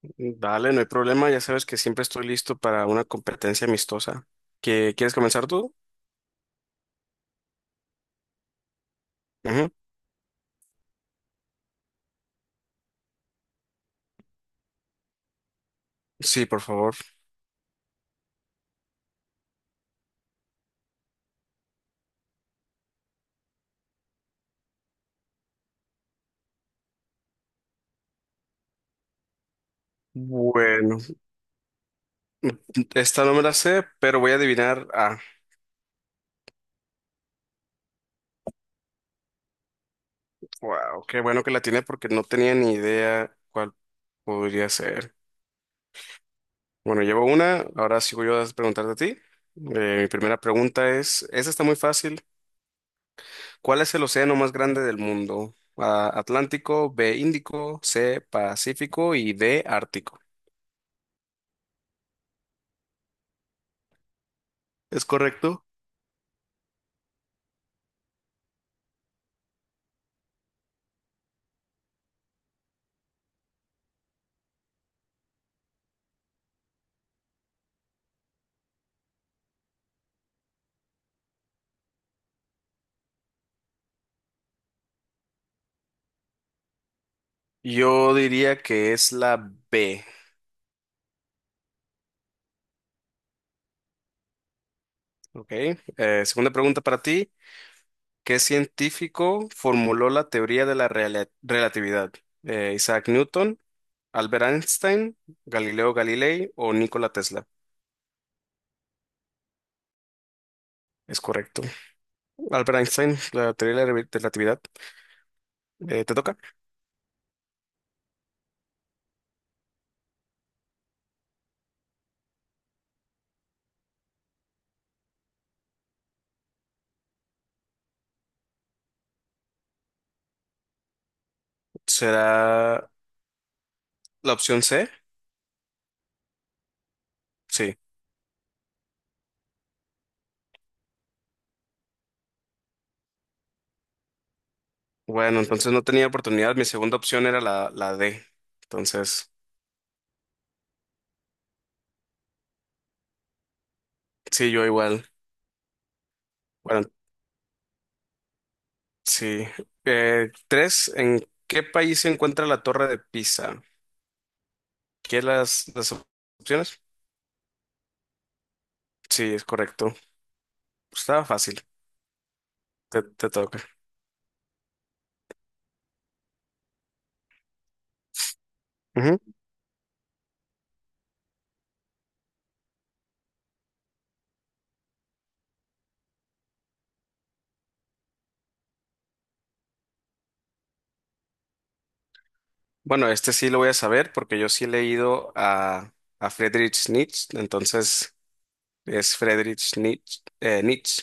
Dale, no hay problema, ya sabes que siempre estoy listo para una competencia amistosa. ¿ Quieres comenzar tú? Ujú. Sí, por favor. Bueno, esta no me la sé, pero voy a adivinar. Ah, wow, qué bueno que la tiene porque no tenía ni idea cuál podría ser. Bueno, llevo una, ahora sigo yo a preguntarte a ti. Mi primera pregunta es, esta está muy fácil. ¿Cuál es el océano más grande del mundo? A, Atlántico, B, Índico, C, Pacífico y D, Ártico. ¿Es correcto? Yo diría que es la B. Ok. Segunda pregunta para ti. ¿Qué científico formuló la teoría de la relatividad? Isaac Newton, Albert Einstein, Galileo Galilei o Nikola Tesla. Es correcto. Albert Einstein, la teoría de la relatividad. ¿Te toca? ¿Será la opción C? Sí. Bueno, entonces no tenía oportunidad. Mi segunda opción era la D. Entonces, sí, yo igual. Bueno, sí. Tres, ¿en qué país se encuentra la Torre de Pisa? ¿Qué las opciones? Sí, es correcto. Estaba fácil. Te toca. Ujú. Bueno, este sí lo voy a saber porque yo sí he leído a Friedrich Nietzsche, entonces es Friedrich Nietzsche. Nietzsche.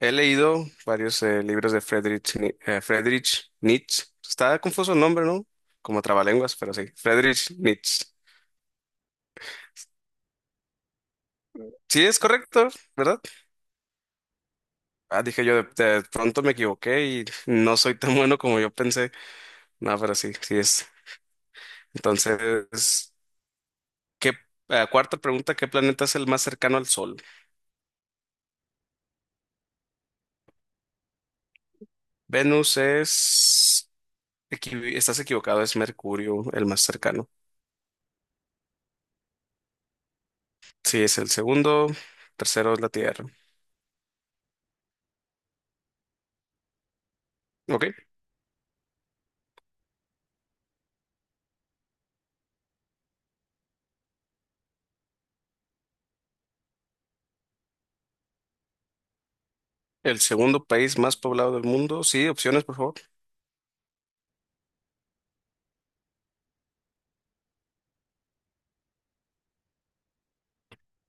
He leído varios libros de Friedrich, Ni- Friedrich Nietzsche. Está confuso el nombre, ¿no? Como trabalenguas, pero sí. Friedrich Nietzsche. Sí, es correcto, ¿verdad? Ah, dije yo, de pronto me equivoqué y no soy tan bueno como yo pensé. No, pero sí, sí es. Entonces, ¿qué, cuarta pregunta, ¿qué planeta es el más cercano al Sol? Venus es. Estás equivocado, es Mercurio el más cercano. Sí, es el segundo, tercero es la Tierra. Ok, el segundo país más poblado del mundo. Sí, opciones, por favor.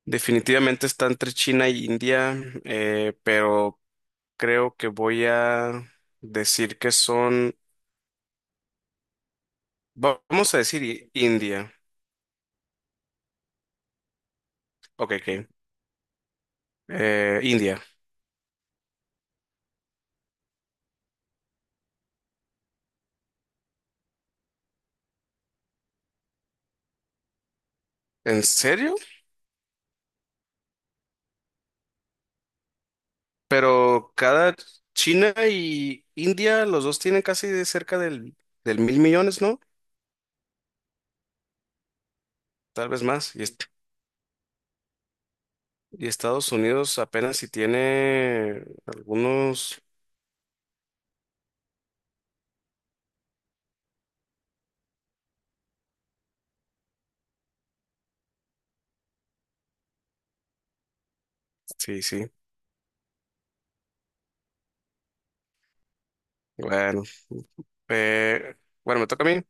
Definitivamente está entre China y India, pero creo que voy a decir que son. Vamos a decir India. Ok, ok. India. ¿En serio? Pero cada China y India, los dos tienen casi de cerca del mil millones, ¿no? Tal vez más. Y Estados Unidos apenas si tiene algunos. Sí, sí. Bueno, eh, bueno, me toca a mí.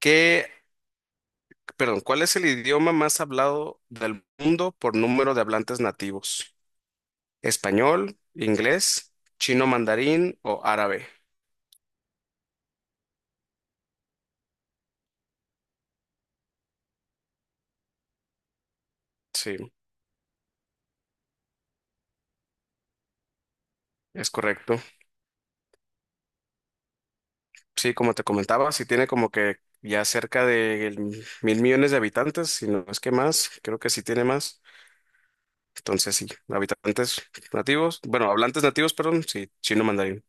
¿Qué, perdón, cuál es el idioma más hablado del mundo por número de hablantes nativos? ¿Español, inglés, chino mandarín o árabe? Sí. Es correcto. Sí, como te comentaba, sí tiene como que ya cerca de mil millones de habitantes, si no es que más, creo que sí tiene más. Entonces, sí, habitantes nativos, bueno, hablantes nativos, perdón, sí, chino mandarín.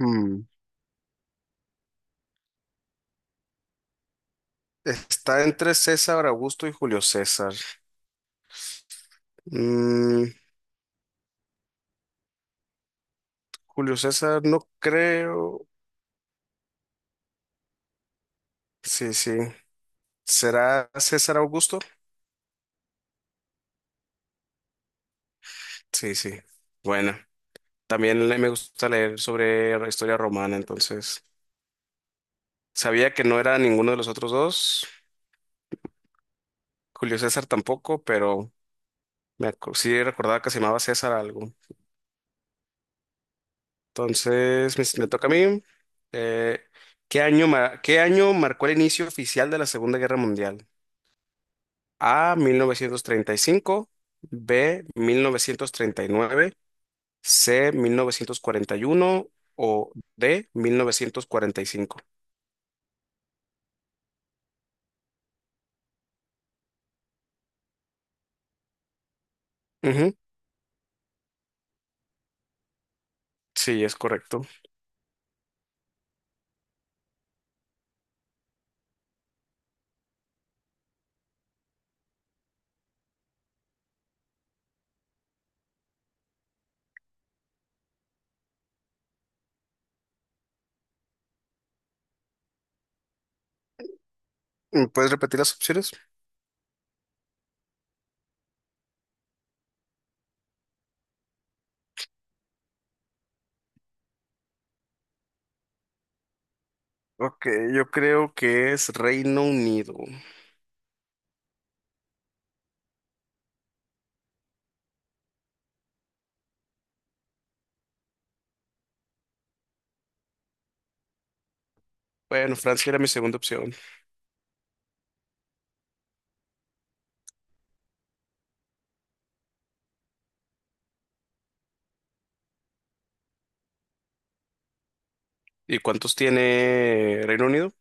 Mm, Está entre César Augusto y Julio César. Mm, Julio César, no creo. Sí, sí. ¿Será César Augusto? Sí, sí. Bueno, también me gusta leer sobre la historia romana, entonces. Sabía que no era ninguno de los otros dos, Julio César tampoco, pero sí recordaba que se llamaba César algo. Entonces, me toca a mí. Eh, ¿qué año marcó el inicio oficial de la Segunda Guerra Mundial? A, 1935, B, 1939, C, 1941 o D, 1945. Ujú. Sí, es correcto. ¿Me ¿Puedes repetir las opciones? Ok, yo creo que es Reino Unido. Bueno, Francia era mi segunda opción. ¿Y cuántos tiene Reino Unido?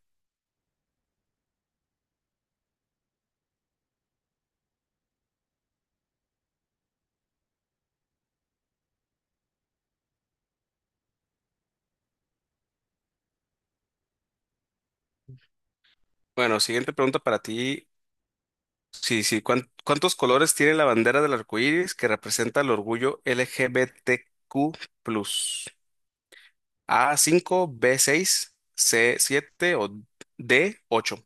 Bueno, siguiente pregunta para ti. Sí, sí, ¿cuántos colores tiene la bandera del arco iris que representa el orgullo LGBTQ+? A cinco, b seis, c siete o d ocho.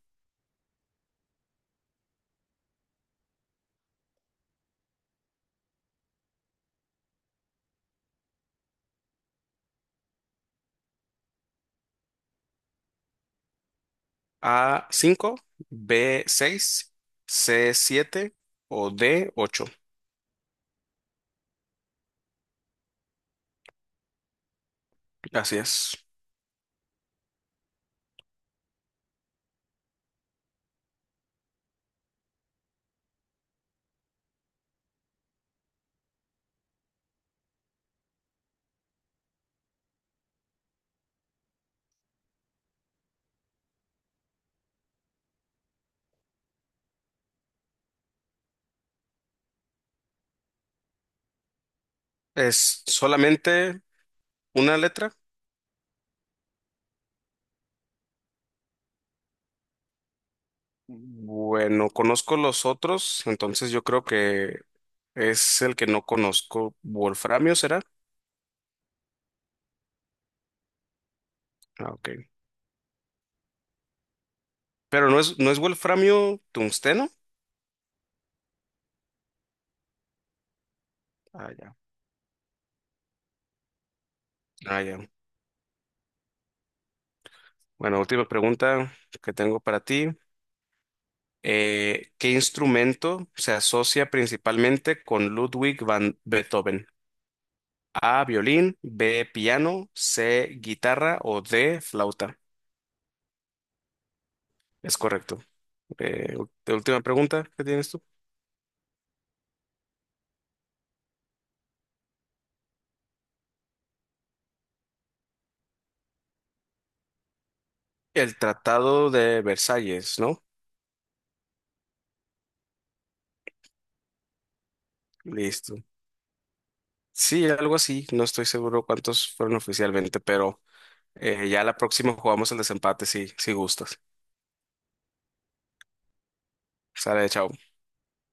A cinco, b seis, c siete o d ocho. Así es. Es solamente una letra. Bueno, conozco los otros, entonces yo creo que es el que no conozco. ¿Wolframio será? Ah, ok. Pero no es wolframio tungsteno. Ah, ya. Ah, ya. Bueno, última pregunta que tengo para ti. ¿Qué instrumento se asocia principalmente con Ludwig van Beethoven? A, violín, B, piano, C, guitarra o D, flauta. Es correcto. Última pregunta que tienes tú. El Tratado de Versalles, ¿no? Listo. Sí, algo así. No estoy seguro cuántos fueron oficialmente, pero ya la próxima jugamos el desempate si gustas. Sale, chao.